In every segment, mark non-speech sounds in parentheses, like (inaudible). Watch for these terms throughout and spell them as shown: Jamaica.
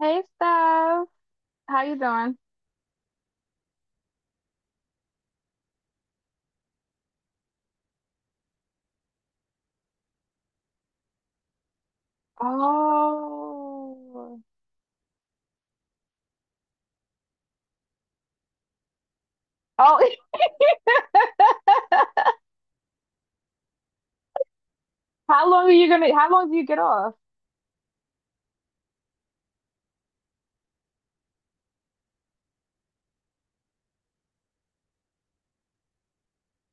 Hey, Steph. How you doing? Oh. Oh. (laughs) How long are you gonna, how long do you get off?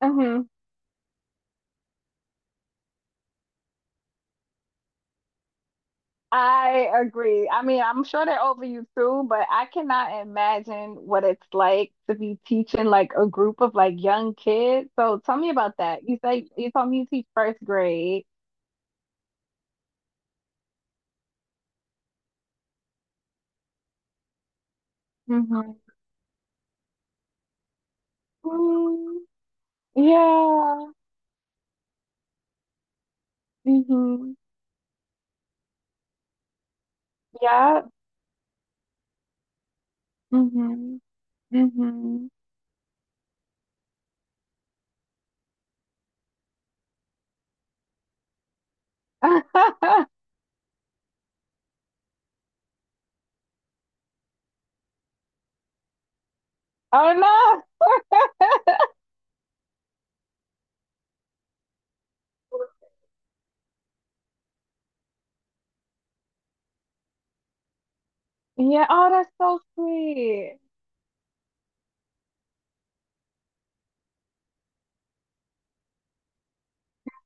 hmm I agree. I mean, I'm sure they're over you too, but I cannot imagine what it's like to be teaching like a group of like young kids. So tell me about that. You say you told me you teach first grade. Mm-hmm. Mm, yeah. Mm-hmm. Yeah. Mm-hmm. Mm-hmm. (laughs) Oh no. (laughs) Yeah. Oh, that's so sweet.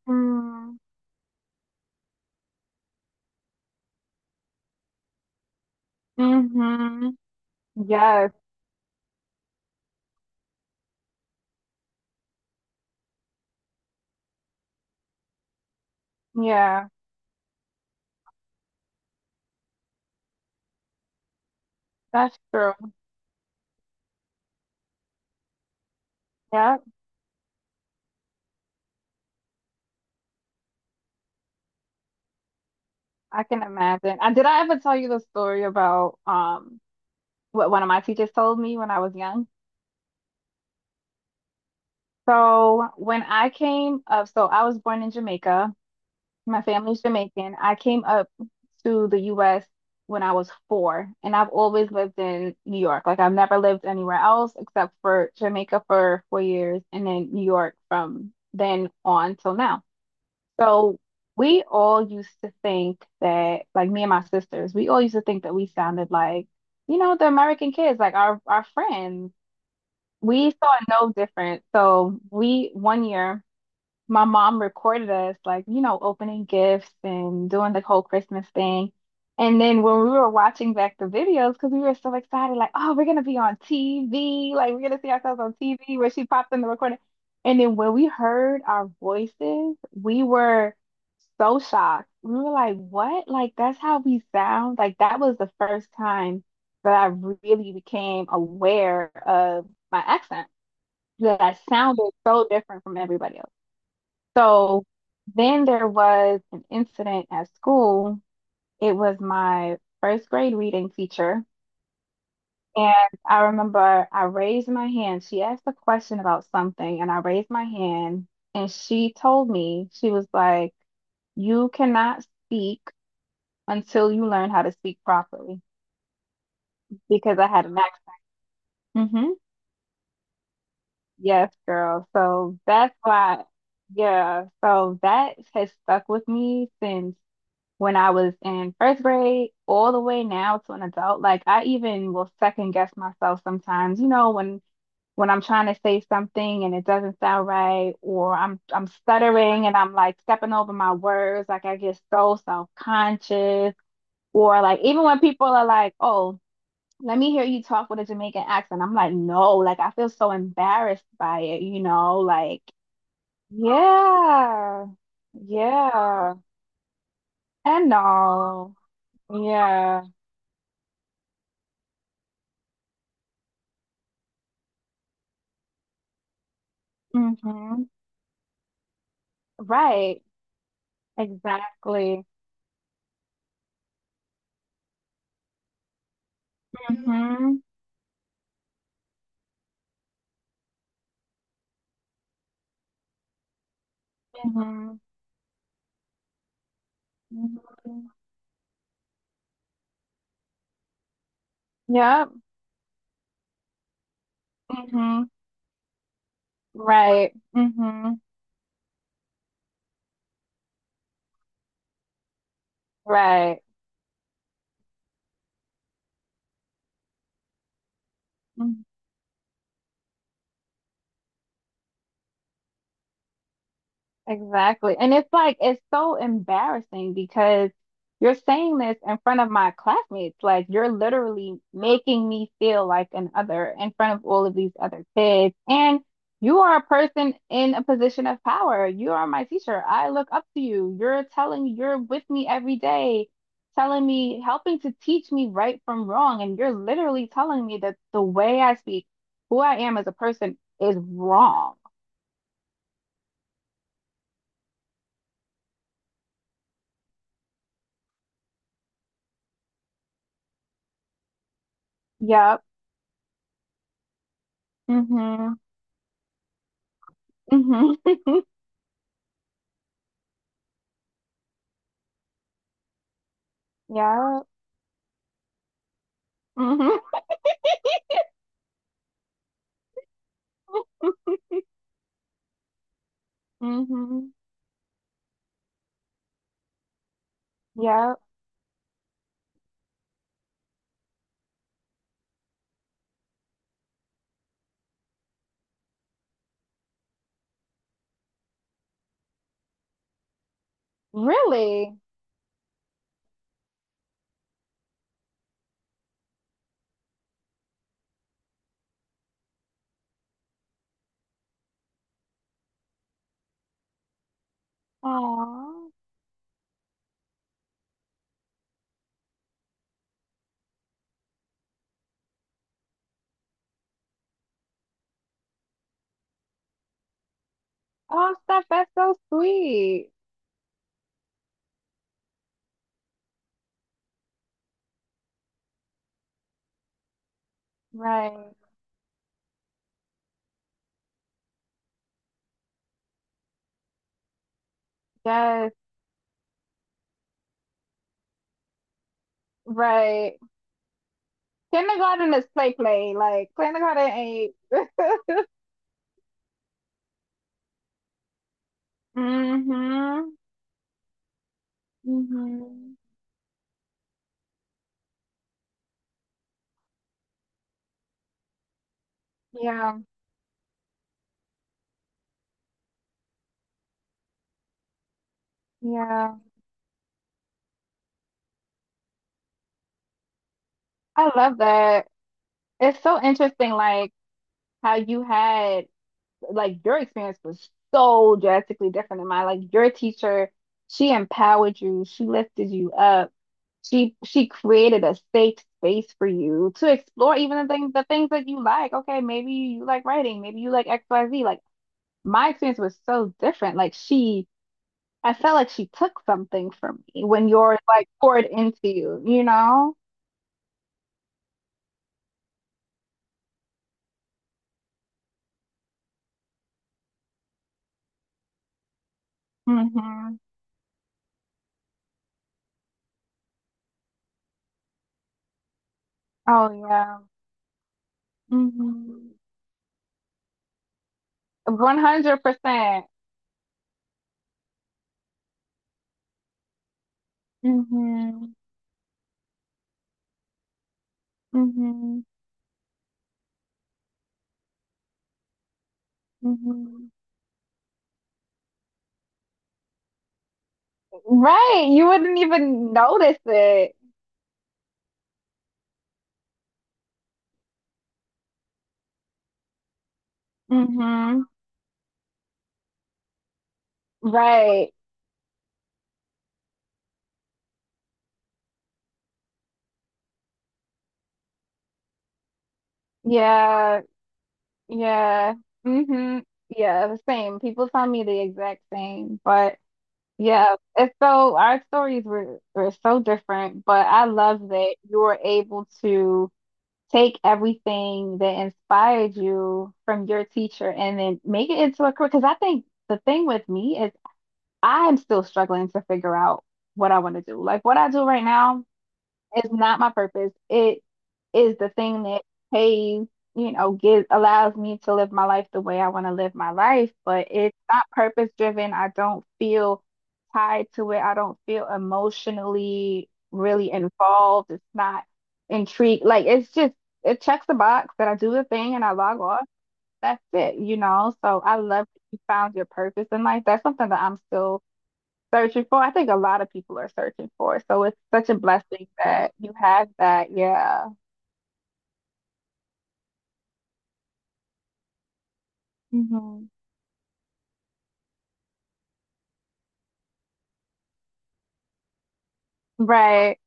Mm. hmm Yes. Yeah. That's true. Yeah. I can imagine. Did I ever tell you the story about what one of my teachers told me when I was young? So when I came up, so I was born in Jamaica. My family's Jamaican. I came up to the US when I was four, and I've always lived in New York. Like I've never lived anywhere else except for Jamaica for 4 years and then New York from then on till now. So we all used to think that, like me and my sisters, we all used to think that we sounded like, the American kids, like our friends. We saw no difference. So we one year my mom recorded us like, opening gifts and doing the whole Christmas thing. And then when we were watching back the videos, because we were so excited, like, oh, we're gonna be on TV, like we're gonna see ourselves on TV where she popped in the recording. And then when we heard our voices, we were so shocked. We were like, what? Like that's how we sound? Like that was the first time that I really became aware of my accent, that I sounded so different from everybody else. So then there was an incident at school. It was my first grade reading teacher. And I remember I raised my hand. She asked a question about something, and I raised my hand. And she told me, she was like, you cannot speak until you learn how to speak properly because I had an accent. Hmm Yes, girl. So that's why, yeah. So that has stuck with me since when I was in first grade all the way now to an adult. Like I even will second guess myself sometimes, you know, when I'm trying to say something and it doesn't sound right, or I'm stuttering and I'm like stepping over my words, like I get so self-conscious, or like even when people are like, "Oh, let me hear you talk with a Jamaican accent," I'm like, "No," like I feel so embarrassed by it, you know, like yeah, yeah, and no, yeah. Mm-hmm. Right. Exactly. Mm-hmm. Mm-hmm. hmm Yep. Mm-hmm. Right. Mm-hmm. Right. Mm-hmm. Exactly. And it's like, it's so embarrassing because you're saying this in front of my classmates. Like, you're literally making me feel like an other in front of all of these other kids. And you are a person in a position of power. You are my teacher. I look up to you. You're telling, me, you're with me every day, telling me, helping to teach me right from wrong. And you're literally telling me that the way I speak, who I am as a person is wrong. Yep. Mhm. (laughs) Yeah. Mhm. Mhm. Yeah. Really? Aw. Oh, stuff. That's so sweet. Right. Yes. Right. Kindergarten is play play. Like kindergarten ain't. Mhm. Mhm. Yeah. Yeah. I love that. It's so interesting. Like how you had like your experience was so drastically different than mine. Like your teacher, she empowered you. She lifted you up. She created a safe space for you to explore even the things that you like. Okay, maybe you like writing, maybe you like XYZ. Like my experience was so different. Like she I felt like she took something from me when yours like poured into you, you know? Hmm Oh yeah. hmm 100%. Hmm hmm hmm Right. You wouldn't even notice it. Hmm Right. Yeah. Yeah. hmm Yeah, the same. People tell me the exact same. But yeah, it's so our stories were so different, but I love that you were able to take everything that inspired you from your teacher and then make it into a career. Because I think the thing with me is I'm still struggling to figure out what I want to do. Like what I do right now. It's not my purpose. It is the thing that pays, you know, gives allows me to live my life the way I want to live my life, but it's not purpose driven. I don't feel tied to it. I don't feel emotionally really involved. It's not intrigued. Like it's just it checks the box that I do the thing and I log off. That's it, you know. So I love that you found your purpose in life. That's something that I'm still searching for. I think a lot of people are searching for it. So it's such a blessing that you have that. Yeah. hmm Right.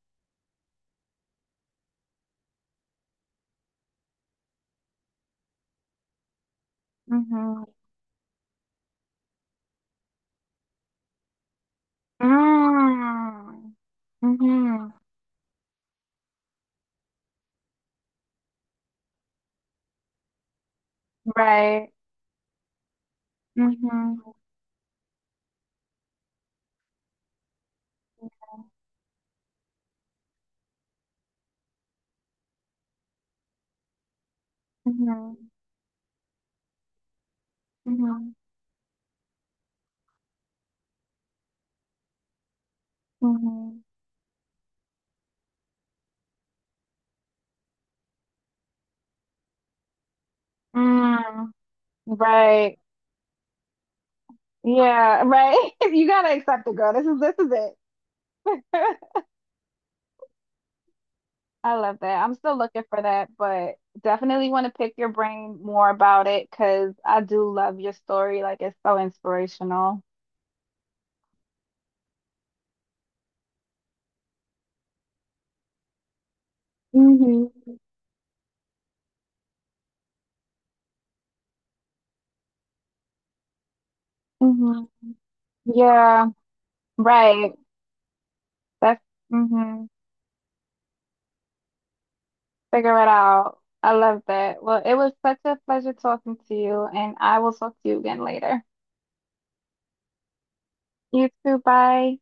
hmm Mm. hmm Right. hmm hmm hmm hmm Mm. Right. Yeah, right. (laughs) You gotta accept it, girl. This is it. (laughs) I love that. I'm still looking for that, but definitely want to pick your brain more about it because I do love your story. Like it's so inspirational. Hmm hmm Yeah, right. That's hmm Figure it out. I love that. Well, it was such a pleasure talking to you, and I will talk to you again later. You too. Bye.